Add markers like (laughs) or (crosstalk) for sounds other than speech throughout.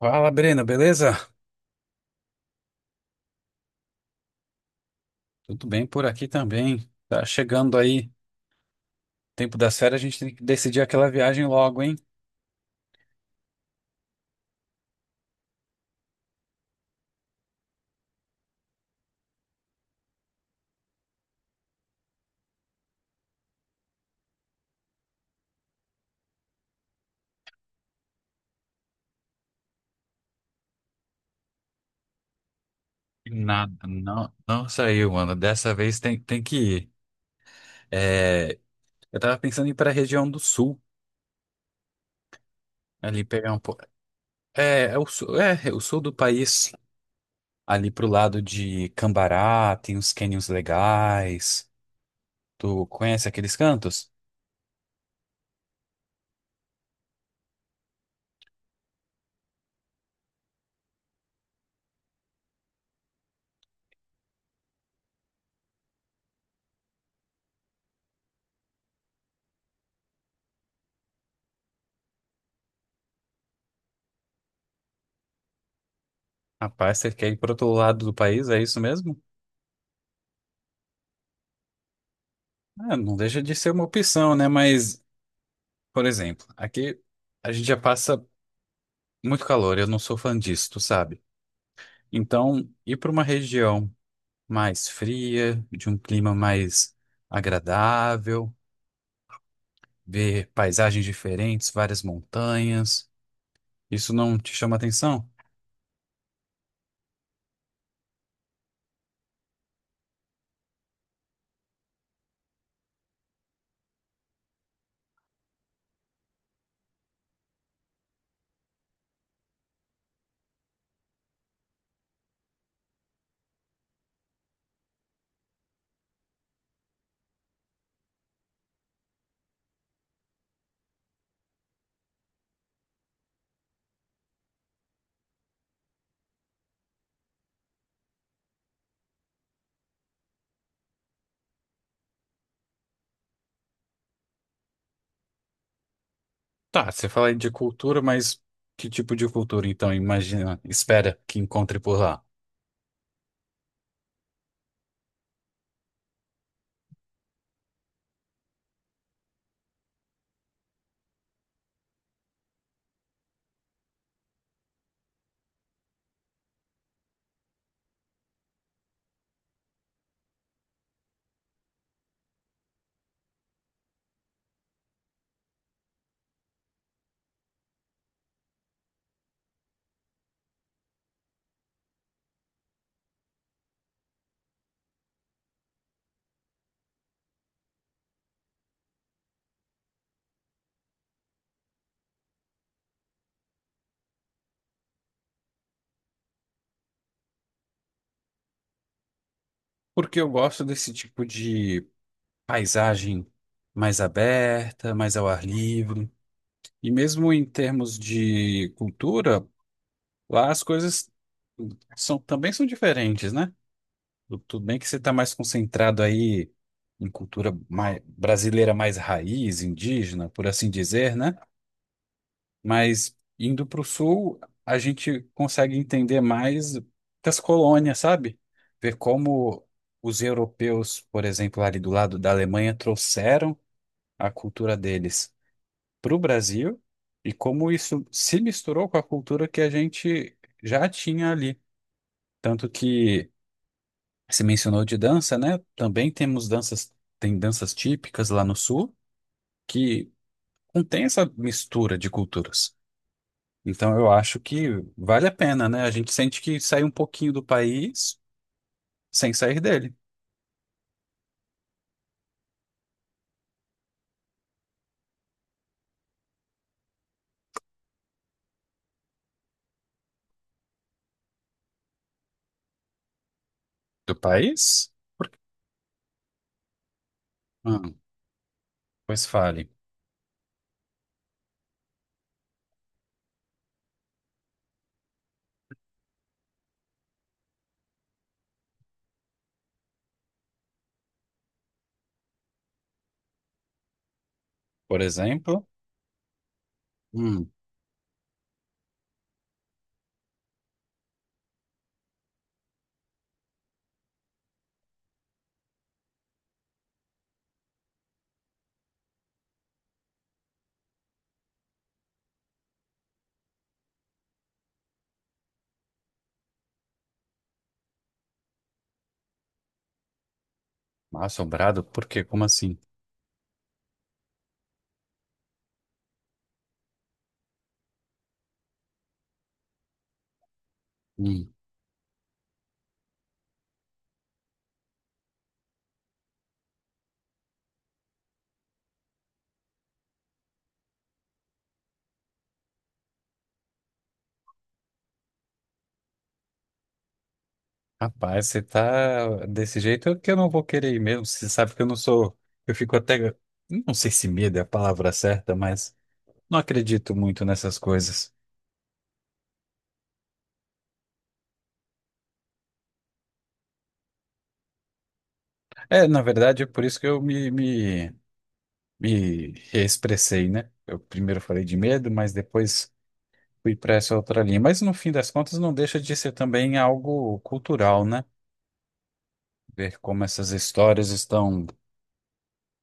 Fala, Breno, beleza? Tudo bem por aqui também. Tá chegando aí, tempo das férias, a gente tem que decidir aquela viagem logo, hein? Nada, não, não saiu, mano. Dessa vez tem, que ir. É, eu tava pensando em ir pra região do sul, ali pegar um pouco. É, é o sul, é o sul do país. Ali pro lado de Cambará, tem uns cânions legais. Tu conhece aqueles cantos? Rapaz, você quer ir pro outro lado do país, é isso mesmo? Ah, não deixa de ser uma opção, né? Mas, por exemplo, aqui a gente já passa muito calor, eu não sou fã disso, tu sabe? Então, ir para uma região mais fria, de um clima mais agradável, ver paisagens diferentes, várias montanhas, isso não te chama atenção? Tá, você fala aí de cultura, mas que tipo de cultura, então, imagina, espera que encontre por lá? Porque eu gosto desse tipo de paisagem mais aberta, mais ao ar livre. E mesmo em termos de cultura, lá as coisas são, também são diferentes, né? Tudo bem que você está mais concentrado aí em cultura mais, brasileira mais raiz, indígena, por assim dizer, né? Mas indo para o sul, a gente consegue entender mais das colônias, sabe? Ver como os europeus, por exemplo, ali do lado da Alemanha, trouxeram a cultura deles para o Brasil e como isso se misturou com a cultura que a gente já tinha ali. Tanto que se mencionou de dança, né? Também temos danças, tem danças típicas lá no sul que contém essa mistura de culturas. Então eu acho que vale a pena, né? A gente sente que sai um pouquinho do país sem sair dele. Do país? Hum, pois fale. Por exemplo, hum, assombrado, por quê? Como assim? Hum, rapaz, você tá desse jeito é que eu não vou querer ir mesmo. Você sabe que eu não sou. Eu fico até. Não sei se medo é a palavra certa, mas não acredito muito nessas coisas. É, na verdade, é por isso que eu me expressei, né? Eu primeiro falei de medo, mas depois fui para essa outra linha. Mas no fim das contas, não deixa de ser também algo cultural, né? Ver como essas histórias estão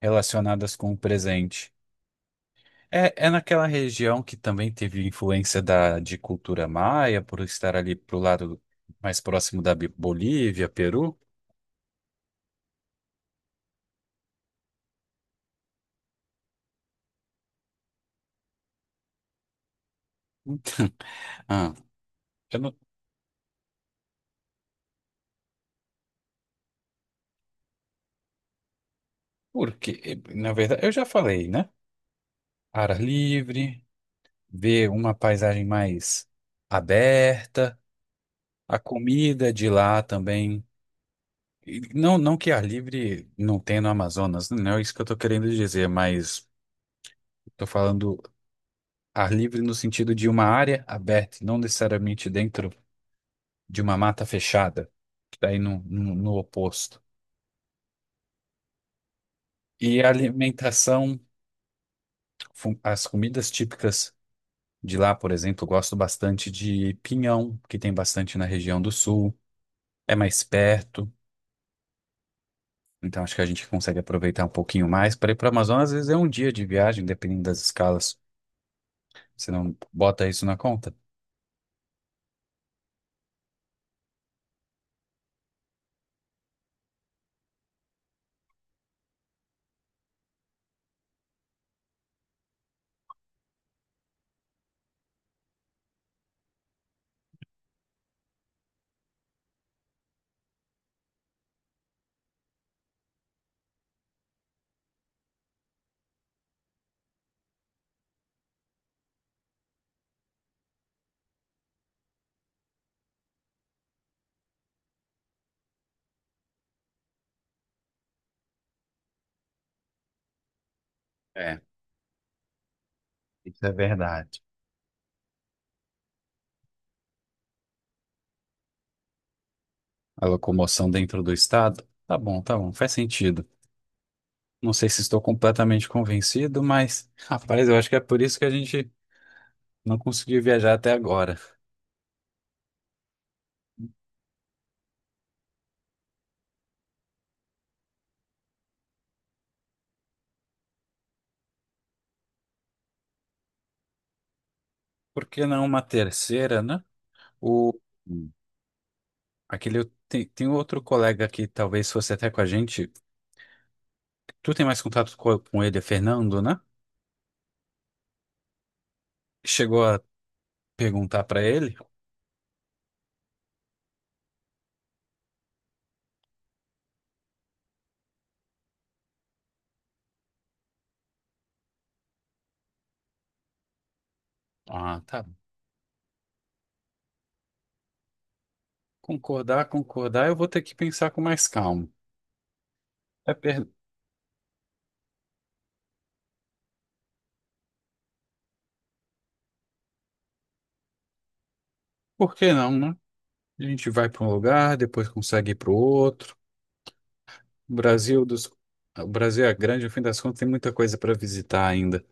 relacionadas com o presente. É, é naquela região que também teve influência da, de cultura maia, por estar ali pro lado mais próximo da Bolívia, Peru. (laughs) Ah, eu não, porque, na verdade, eu já falei, né? Ar livre, ver uma paisagem mais aberta, a comida de lá também. E não, não que ar livre não tenha no Amazonas, não é isso que eu estou querendo dizer, mas estou falando ar livre no sentido de uma área aberta, não necessariamente dentro de uma mata fechada, que daí no oposto. E a alimentação, as comidas típicas de lá, por exemplo, eu gosto bastante de pinhão, que tem bastante na região do sul, é mais perto, então acho que a gente consegue aproveitar um pouquinho mais. Para ir para o Amazonas, às vezes é um dia de viagem, dependendo das escalas. Você não bota isso na conta? É, isso é verdade. A locomoção dentro do estado? Tá bom, faz sentido. Não sei se estou completamente convencido, mas, rapaz, eu acho que é por isso que a gente não conseguiu viajar até agora. Por que não uma terceira, né? O, aquele, tem, outro colega que talvez fosse até com a gente. Tu tem mais contato com, ele, é Fernando, né? Chegou a perguntar pra ele? Ah, tá. Concordar, concordar, eu vou ter que pensar com mais calma. É per... Por que não, né? A gente vai para um lugar, depois consegue ir para o outro. O Brasil dos... O Brasil é grande, no fim das contas, tem muita coisa para visitar ainda.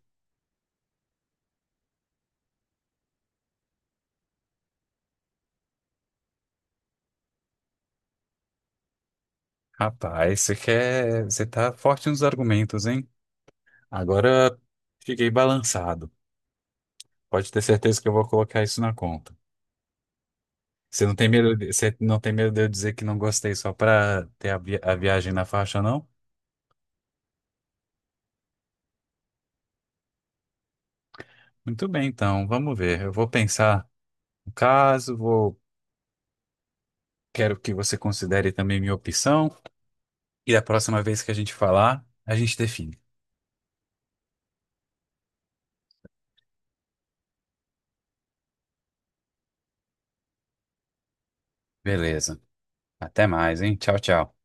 Rapaz, você quer... você tá forte nos argumentos, hein? Agora fiquei balançado. Pode ter certeza que eu vou colocar isso na conta. Você não tem medo de... você não tem medo de eu dizer que não gostei só para ter a, a viagem na faixa, não? Muito bem, então, vamos ver. Eu vou pensar no caso, vou... quero que você considere também minha opção. E da próxima vez que a gente falar, a gente define. Beleza. Até mais, hein? Tchau, tchau.